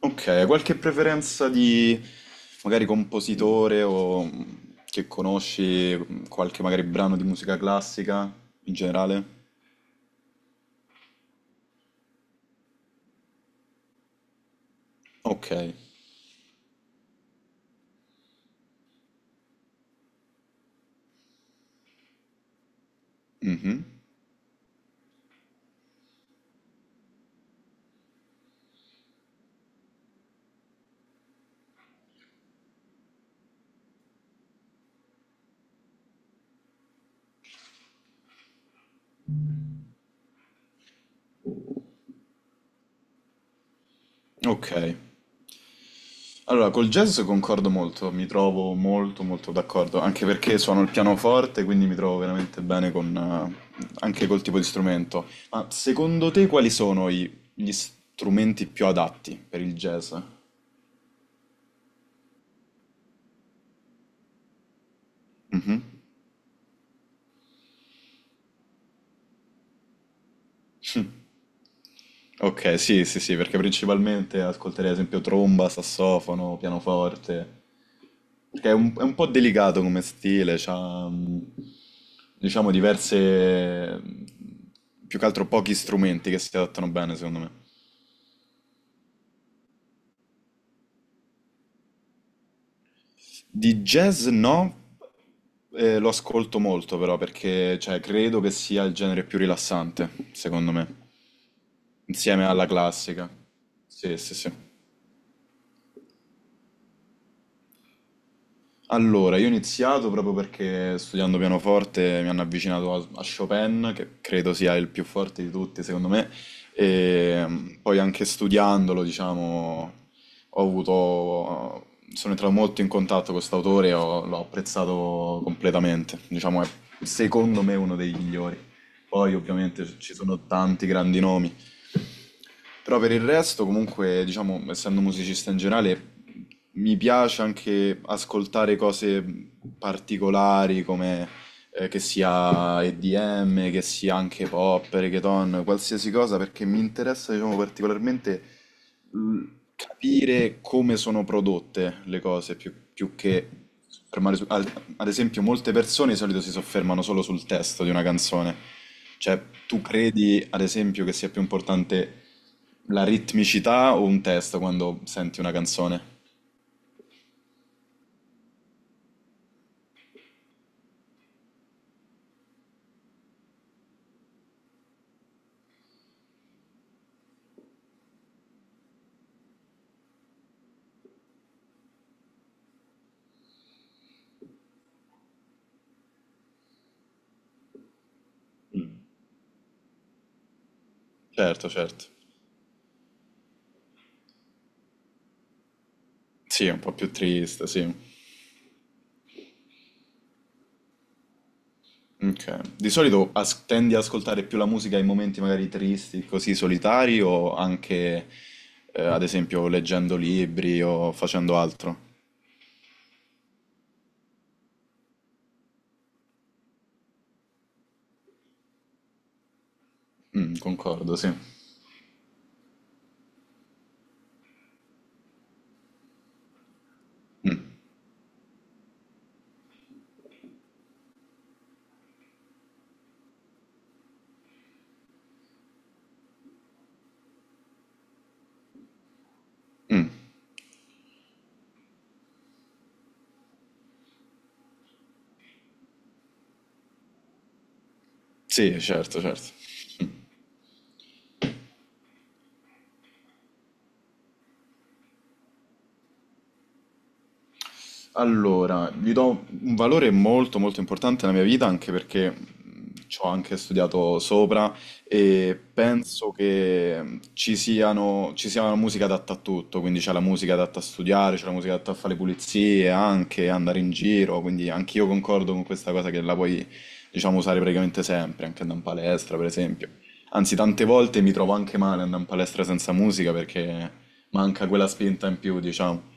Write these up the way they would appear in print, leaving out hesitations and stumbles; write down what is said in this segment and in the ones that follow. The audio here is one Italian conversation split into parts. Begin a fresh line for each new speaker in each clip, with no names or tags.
Ok, qualche preferenza di magari compositore o che conosci qualche magari brano di musica classica in generale? Ok. Mhm. Ok. Allora, col jazz concordo molto, mi trovo molto molto d'accordo, anche perché suono il pianoforte, quindi mi trovo veramente bene con, anche col tipo di strumento. Ma secondo te quali sono gli strumenti più adatti per il jazz? Mhm. Ok, sì, sì, sì, perché principalmente ascolterei ad esempio tromba, sassofono, pianoforte, perché è un po' delicato come stile, c'ha diciamo diverse, più che altro pochi strumenti che si adattano bene secondo me. Di jazz no, lo ascolto molto però perché cioè, credo che sia il genere più rilassante, secondo me, insieme alla classica. Sì, sì, sì. Allora, io ho iniziato proprio perché studiando pianoforte mi hanno avvicinato a Chopin, che credo sia il più forte di tutti, secondo me, e poi anche studiandolo, diciamo, ho avuto, sono entrato molto in contatto con quest'autore e l'ho apprezzato completamente, diciamo, è secondo me uno dei migliori. Poi ovviamente ci sono tanti grandi nomi, però per il resto, comunque, diciamo, essendo musicista in generale, mi piace anche ascoltare cose particolari come che sia EDM, che sia anche pop, reggaeton, qualsiasi cosa, perché mi interessa, diciamo, particolarmente mh, capire come sono prodotte le cose, più che fermare su... Ad esempio, molte persone di solito si soffermano solo sul testo di una canzone. Cioè, tu credi, ad esempio, che sia più importante la ritmicità o un testo quando senti una canzone? Certo, certo. Sì, è un po' più triste, sì. Ok. Di solito tendi ad ascoltare più la musica in momenti magari tristi, così solitari, o anche, ad esempio, leggendo libri o facendo altro? Mm, concordo, sì. Sì, certo, certo. Allora, gli do un valore molto molto importante nella mia vita anche perché ci ho anche studiato sopra e penso che ci sia una musica adatta a tutto, quindi c'è la musica adatta a studiare, c'è la musica adatta a fare le pulizie, anche andare in giro, quindi anch'io concordo con questa cosa che la puoi, diciamo, usare praticamente sempre, anche andare in palestra, per esempio. Anzi, tante volte mi trovo anche male andare in palestra senza musica perché manca quella spinta in più, diciamo.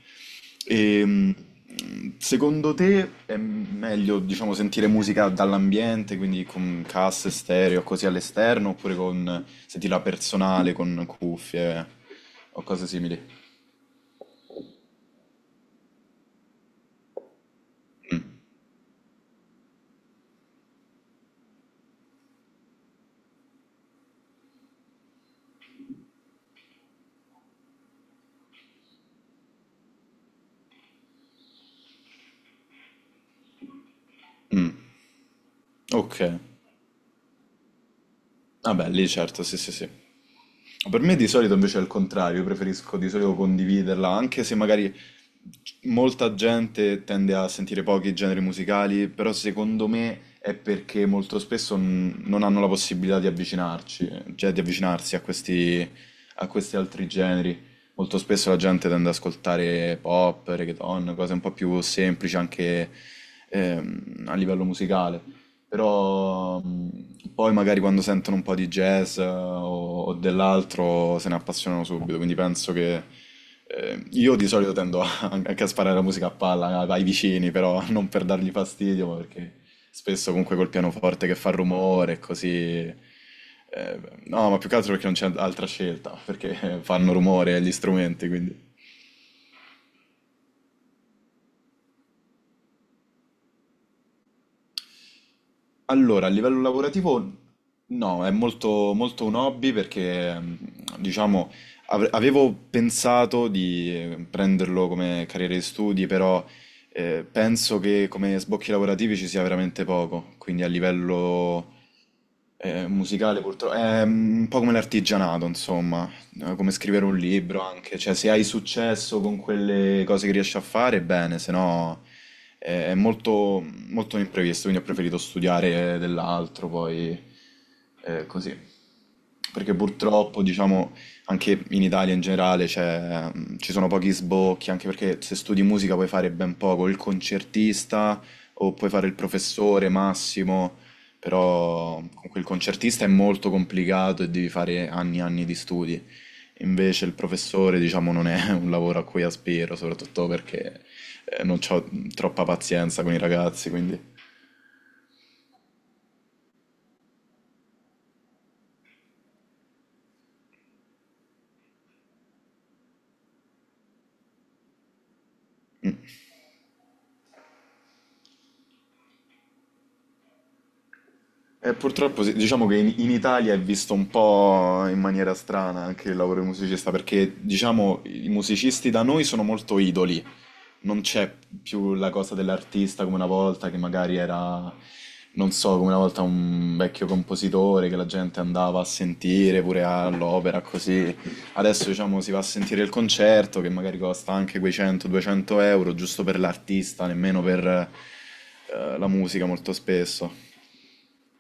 E, secondo te è meglio, diciamo, sentire musica dall'ambiente, quindi con casse, stereo, così all'esterno, oppure con sentirla personale, con cuffie o cose simili? Mm, ok. Vabbè, lì certo, sì, sì, sì. Per me di solito invece è il contrario, io preferisco di solito condividerla, anche se magari molta gente tende a sentire pochi generi musicali, però secondo me è perché molto spesso non hanno la possibilità di avvicinarci, cioè di avvicinarsi a questi altri generi. Molto spesso la gente tende ad ascoltare pop, reggaeton, cose un po' più semplici anche a livello musicale. Però poi magari quando sentono un po' di jazz o dell'altro se ne appassionano subito, quindi penso che io di solito anche a sparare la musica a palla ai vicini, però non per dargli fastidio, ma perché spesso comunque col pianoforte che fa rumore e così... eh, no, ma più che altro perché non c'è altra scelta, perché fanno rumore gli strumenti, quindi... Allora, a livello lavorativo no, è molto un hobby perché, diciamo, avevo pensato di prenderlo come carriera di studi, però penso che come sbocchi lavorativi ci sia veramente poco, quindi a livello musicale purtroppo è un po' come l'artigianato, insomma, come scrivere un libro anche, cioè se hai successo con quelle cose che riesci a fare, bene, se no è molto, molto imprevisto, quindi ho preferito studiare dell'altro poi così. Perché purtroppo, diciamo, anche in Italia in generale ci sono pochi sbocchi, anche perché se studi musica puoi fare ben poco, il concertista o puoi fare il professore massimo, però comunque il concertista è molto complicato e devi fare anni e anni di studi. Invece il professore, diciamo, non è un lavoro a cui aspiro, soprattutto perché non ho troppa pazienza con i ragazzi, quindi... E purtroppo sì, diciamo che in Italia è visto un po' in maniera strana anche il lavoro di musicista, perché diciamo i musicisti da noi sono molto idoli, non c'è più la cosa dell'artista come una volta, che magari era, non so, come una volta un vecchio compositore che la gente andava a sentire pure all'opera, così. Adesso, diciamo, si va a sentire il concerto che magari costa anche quei 100-200 euro, giusto per l'artista, nemmeno per la musica molto spesso.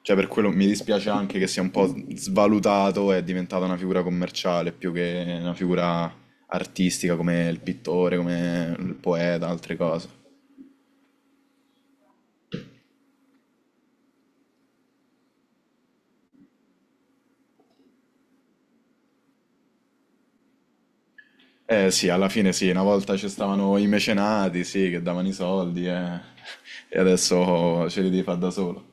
Cioè, per quello mi dispiace anche che sia un po' svalutato e è diventata una figura commerciale più che una figura artistica come il pittore, come il poeta, altre cose. Eh sì, alla fine sì, una volta ci stavano i mecenati, sì, che davano i soldi e adesso ce li devi fare da solo.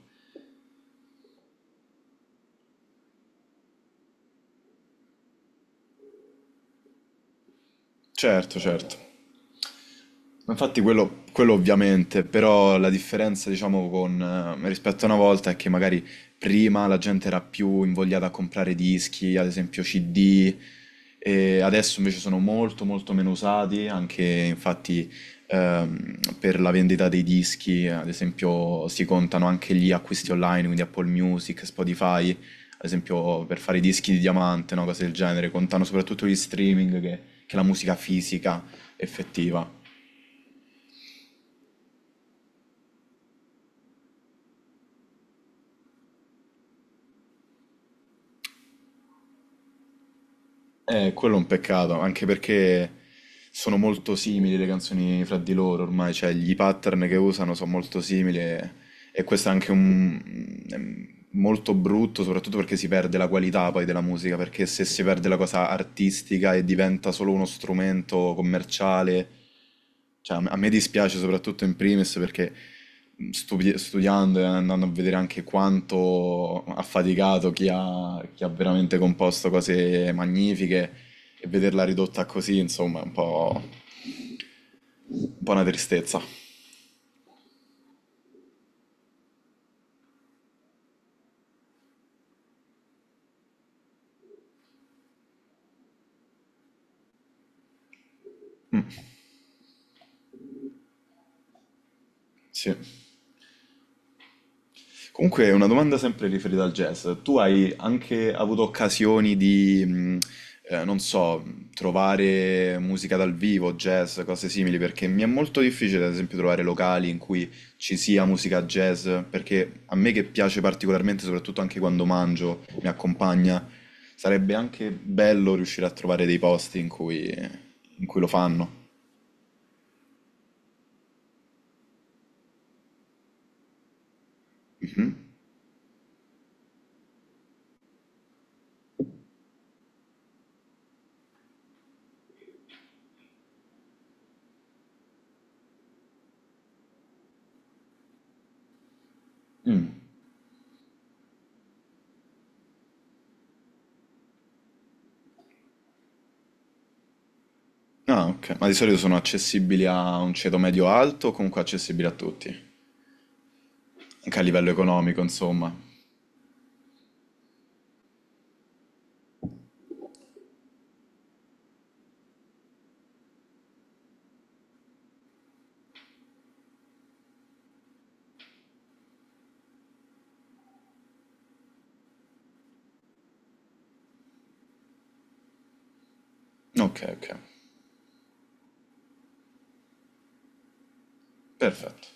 Certo, certo. Ma infatti quello ovviamente, però la differenza diciamo con, rispetto a una volta è che magari prima la gente era più invogliata a comprare dischi, ad esempio CD, e adesso invece sono molto molto meno usati, anche infatti per la vendita dei dischi, ad esempio si contano anche gli acquisti online, quindi Apple Music, Spotify, ad esempio per fare i dischi di diamante, no, cose del genere, contano soprattutto gli streaming che la musica fisica effettiva. Quello è un peccato, anche perché sono molto simili le canzoni fra di loro ormai, cioè gli pattern che usano sono molto simili. E questo è anche un... è molto brutto, soprattutto perché si perde la qualità poi della musica, perché se si perde la cosa artistica e diventa solo uno strumento commerciale, cioè a me dispiace soprattutto in primis perché studiando e andando a vedere anche quanto ha faticato chi ha veramente composto cose magnifiche e vederla ridotta così, insomma, è un po' una tristezza. Mm, sì. Comunque, una domanda sempre riferita al jazz. Tu hai anche avuto occasioni di, non so, trovare musica dal vivo, jazz, cose simili, perché mi è molto difficile, ad esempio, trovare locali in cui ci sia musica jazz, perché a me che piace particolarmente, soprattutto anche quando mangio, mi accompagna, sarebbe anche bello riuscire a trovare dei posti in cui lo fanno. Mhm. Mm. Ah, ok. Ma di solito sono accessibili a un ceto medio-alto o comunque accessibili a tutti? Anche a livello economico, insomma. Ok, ok. Perfetto.